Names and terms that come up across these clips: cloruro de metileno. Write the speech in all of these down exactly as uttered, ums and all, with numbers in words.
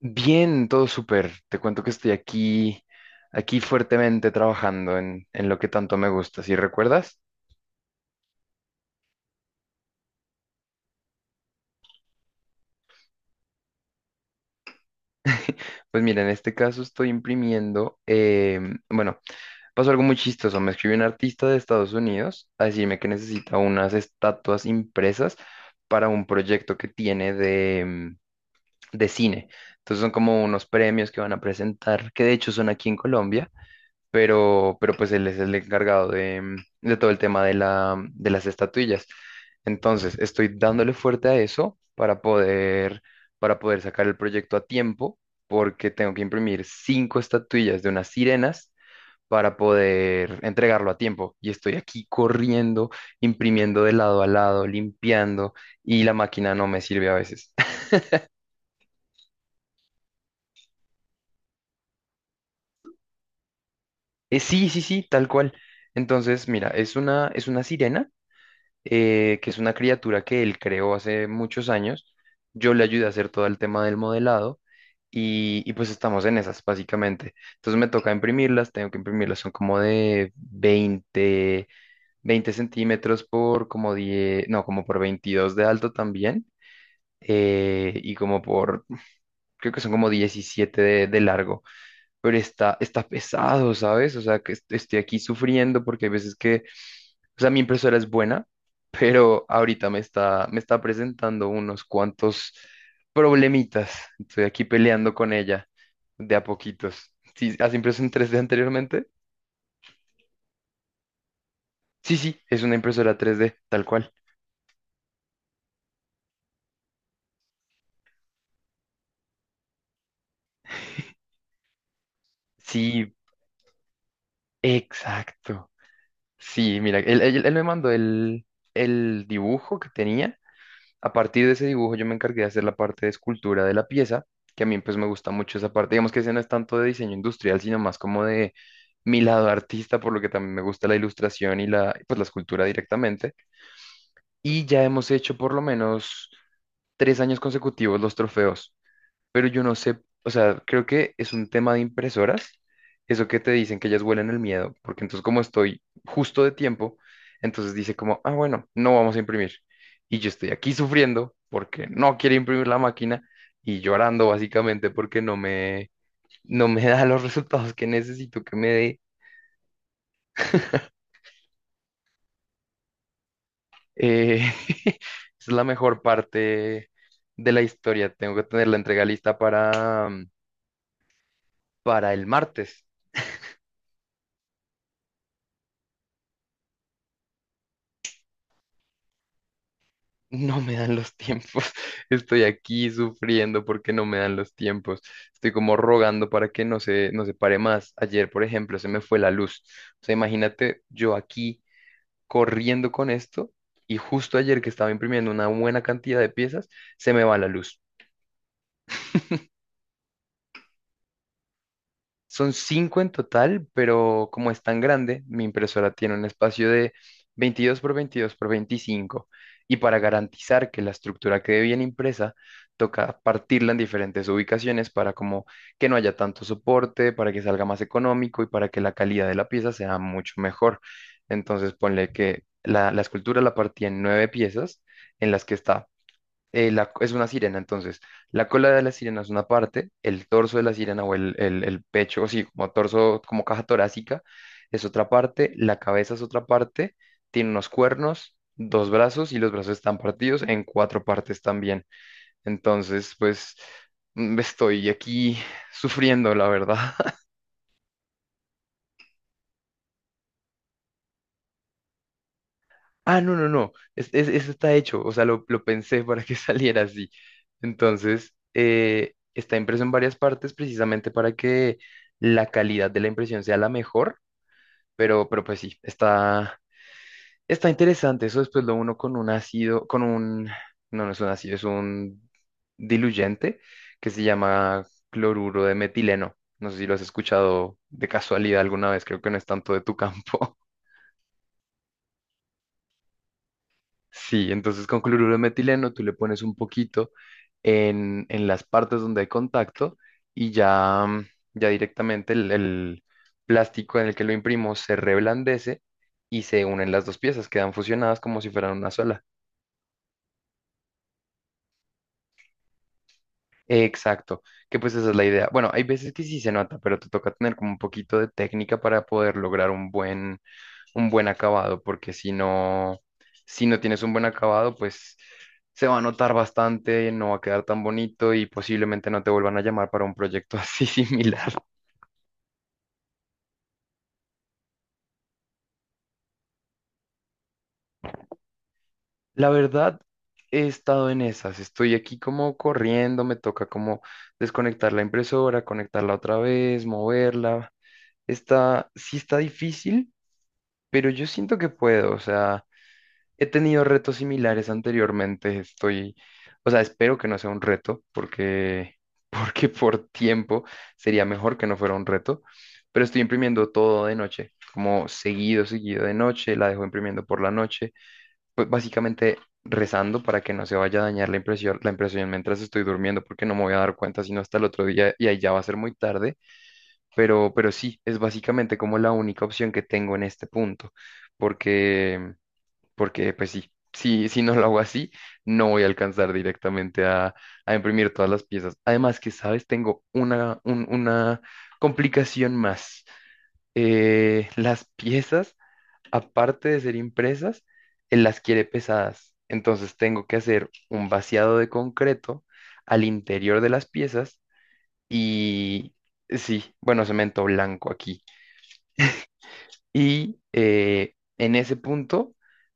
Bien, todo súper. Te cuento que estoy aquí, aquí fuertemente trabajando en, en lo que tanto me gusta. ¿Sí recuerdas? Pues mira, en este caso estoy imprimiendo. em, bueno, pasó algo muy chistoso. Me escribió un artista de Estados Unidos a decirme que necesita unas estatuas impresas para un proyecto que tiene de, em, de cine. Entonces son como unos premios que van a presentar, que de hecho son aquí en Colombia, pero, pero pues él es el encargado de, mm, de todo el tema de la, de las estatuillas. Entonces, estoy dándole fuerte a eso para poder, para poder sacar el proyecto a tiempo, porque tengo que imprimir cinco estatuillas de unas sirenas para poder entregarlo a tiempo. Y estoy aquí corriendo, imprimiendo de lado a lado, limpiando, y la máquina no me sirve a veces. Eh, sí, sí, sí, tal cual. Entonces, mira, es una, es una sirena, eh, que es una criatura que él creó hace muchos años. Yo le ayudé a hacer todo el tema del modelado y, y pues estamos en esas básicamente. Entonces me toca imprimirlas, tengo que imprimirlas, son como de veinte veinte centímetros por como diez no, como por veintidós de alto también. Eh, y como por, creo que son como diecisiete de, de largo, pero está, está pesado, ¿sabes? O sea, que est- estoy aquí sufriendo porque hay veces que, o sea, mi impresora es buena, pero ahorita me está, me está presentando unos cuantos problemitas. Estoy aquí peleando con ella de a poquitos. ¿Sí, has impreso en tres D anteriormente? Sí, sí, es una impresora tres d tal cual. Sí, exacto. Sí, mira, él, él- él me mandó el, el dibujo que tenía. A partir de ese dibujo yo me encargué de hacer la parte de escultura de la pieza, que a mí pues me gusta mucho esa parte. Digamos que ese no es tanto de diseño industrial, sino más como de mi lado artista, por lo que también me gusta la ilustración y, la, pues, la escultura directamente. Y ya hemos hecho por lo menos tres años consecutivos los trofeos, pero yo no sé, o sea, creo que es un tema de impresoras, eso que te dicen que ellas huelen el miedo, porque entonces, como estoy justo de tiempo, entonces dice como, ah, bueno, no vamos a imprimir. Y yo estoy aquí sufriendo porque no quiere imprimir la máquina y llorando básicamente porque no me, no me da los resultados que necesito que me dé. Eh, es la mejor parte de la historia. Tengo que tener la entrega lista para, para el martes. No me dan los tiempos. Estoy aquí sufriendo porque no me dan los tiempos. Estoy como rogando para que no se, no se pare más. Ayer, por ejemplo, se me fue la luz. O sea, imagínate, yo aquí corriendo con esto y justo ayer, que estaba imprimiendo una buena cantidad de piezas, se me va la luz. Son cinco en total, pero como es tan grande, mi impresora tiene un espacio de veintidós por veintidós por veinticinco, y para garantizar que la estructura quede bien impresa, toca partirla en diferentes ubicaciones para como que no haya tanto soporte, para que salga más económico y para que la calidad de la pieza sea mucho mejor. Entonces, ponle que la, la escultura la partí en nueve piezas en las que está, eh, la- es una sirena, entonces. La cola de la sirena es una parte, el torso de la sirena o el, el, el pecho, o sí, como torso, como caja torácica, es otra parte, la cabeza es otra parte, tiene unos cuernos, dos brazos, y los brazos están partidos en cuatro partes también. Entonces, pues mm, estoy aquí sufriendo, la verdad. Ah, no, no, no. Es, es- eso está hecho. O sea, lo, lo pensé para que saliera así. Entonces, eh, está impreso en varias partes precisamente para que la calidad de la impresión sea la mejor. Pero, pero pues sí, está, está interesante. Eso después lo uno con un ácido, con un. No, no es un ácido, es un diluyente que se llama cloruro de metileno. No sé si lo has escuchado de casualidad alguna vez. Creo que no es tanto de tu campo. Sí, entonces con cloruro de metileno tú le pones un poquito en, en las partes donde hay contacto y ya, mm, ya directamente el, el plástico en el que lo imprimo se reblandece y se unen las dos piezas, quedan fusionadas como si fueran una sola. Exacto, que pues esa es la idea. Bueno, hay veces que sí se nota, pero te toca tener como un poquito de técnica para poder lograr un buen, un buen, acabado, porque si no, si no tienes un buen acabado, pues se va a notar bastante, no va a quedar tan bonito y posiblemente no te vuelvan a llamar para un proyecto así similar. La verdad, he estado en esas, estoy aquí como corriendo, me toca como desconectar la impresora, conectarla otra vez, moverla. Está, sí está difícil, pero yo siento que puedo, o sea, he tenido retos similares anteriormente, estoy, o sea, espero que no sea un reto, porque, porque por tiempo sería mejor que no fuera un reto, pero estoy imprimiendo todo de noche, como seguido, seguido de noche, la dejo imprimiendo por la noche, pues básicamente rezando para que no se vaya a dañar la impresión, la impresión mientras estoy durmiendo, porque no me voy a dar cuenta sino hasta el otro día y ahí ya va a ser muy tarde. Pero, pero sí, es básicamente como la única opción que tengo en este punto, porque, porque pues sí, si, si no lo hago así, no voy a alcanzar directamente a, a imprimir todas las piezas. Además que, ¿sabes? Tengo una, un- una complicación más. Eh, las piezas, aparte de ser impresas, él las quiere pesadas. Entonces tengo que hacer un vaciado de concreto al interior de las piezas y, sí, bueno, cemento blanco aquí, y eh, en ese punto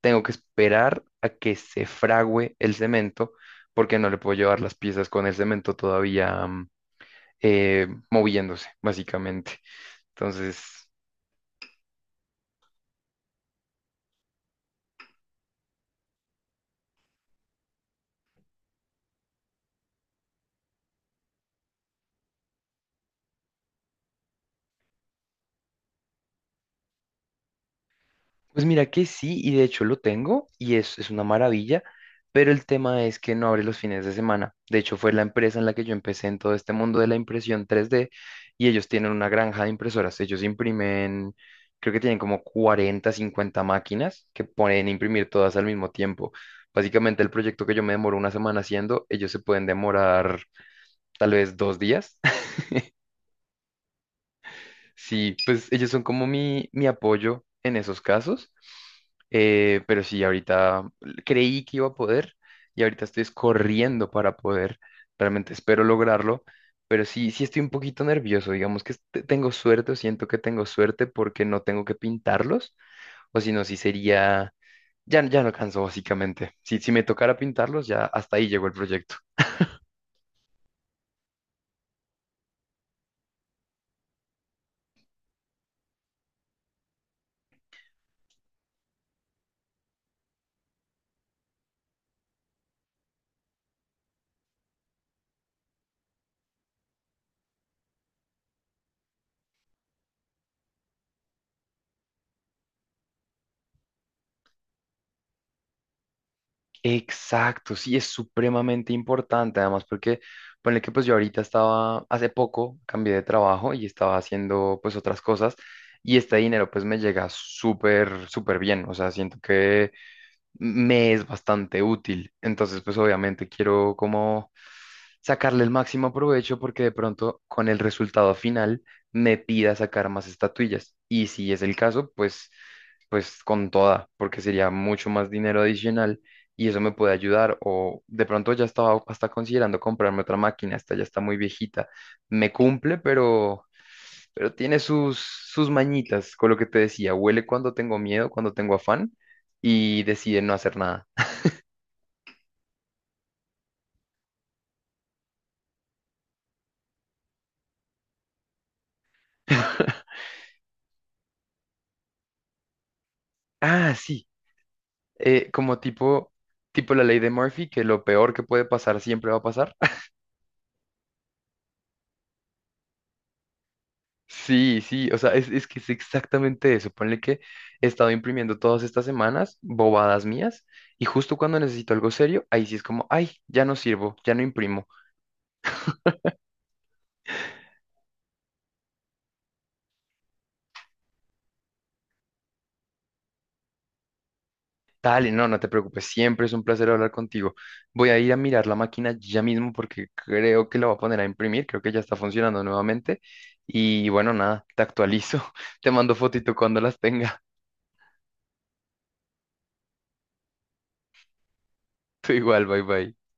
tengo que esperar a que se fragüe el cemento porque no le puedo llevar las piezas con el cemento todavía, mm, eh, moviéndose, básicamente. Entonces. Pues mira que sí, y de hecho lo tengo y es, es una maravilla, pero el tema es que no abre los fines de semana. De hecho, fue la empresa en la que yo empecé en todo este mundo de la impresión tres d, y ellos tienen una granja de impresoras. Ellos imprimen, creo que tienen como cuarenta cincuenta máquinas que pueden imprimir todas al mismo tiempo. Básicamente el proyecto que yo me demoro una semana haciendo, ellos se pueden demorar tal vez dos días. Sí, pues ellos son como mi, mi apoyo en esos casos. Eh, pero sí, ahorita creí que iba a poder y ahorita estoy es corriendo para poder. Realmente espero lograrlo, pero sí, sí estoy un poquito nervioso. Digamos que te- tengo suerte, o siento que tengo suerte, porque no tengo que pintarlos, o si no, sí sería, ya, ya no alcanzo básicamente. Si, si me tocara pintarlos, ya hasta ahí llegó el proyecto. Exacto, sí, es supremamente importante, además porque ponle que pues yo ahorita estaba, hace poco cambié de trabajo y estaba haciendo pues otras cosas, y este dinero pues me llega súper, súper bien, o sea, siento que me es bastante útil. Entonces, pues obviamente quiero como sacarle el máximo provecho porque de pronto con el resultado final me pida sacar más estatuillas. Y si es el caso, pues, pues con toda, porque sería mucho más dinero adicional y eso me puede ayudar. O de pronto ya estaba hasta considerando comprarme otra máquina, esta ya está muy viejita. Me cumple, pero. Pero tiene sus, sus mañitas, con lo que te decía, huele cuando tengo miedo, cuando tengo afán, y deciden no hacer nada. Ah, sí, eh, como tipo, tipo, la ley de Murphy, que lo peor que puede pasar siempre va a pasar. Sí, sí, o sea, es, es que es exactamente eso. Ponle que he estado imprimiendo todas estas semanas bobadas mías, y justo cuando necesito algo serio, ahí sí es como, ay, ya no sirvo, ya no imprimo. Dale, no, no te preocupes, siempre es un placer hablar contigo. Voy a ir a mirar la máquina ya mismo porque creo que la voy a poner a imprimir, creo que ya está funcionando nuevamente. Y bueno, nada, te actualizo, te mando fotito cuando las tenga. Tú igual, bye bye.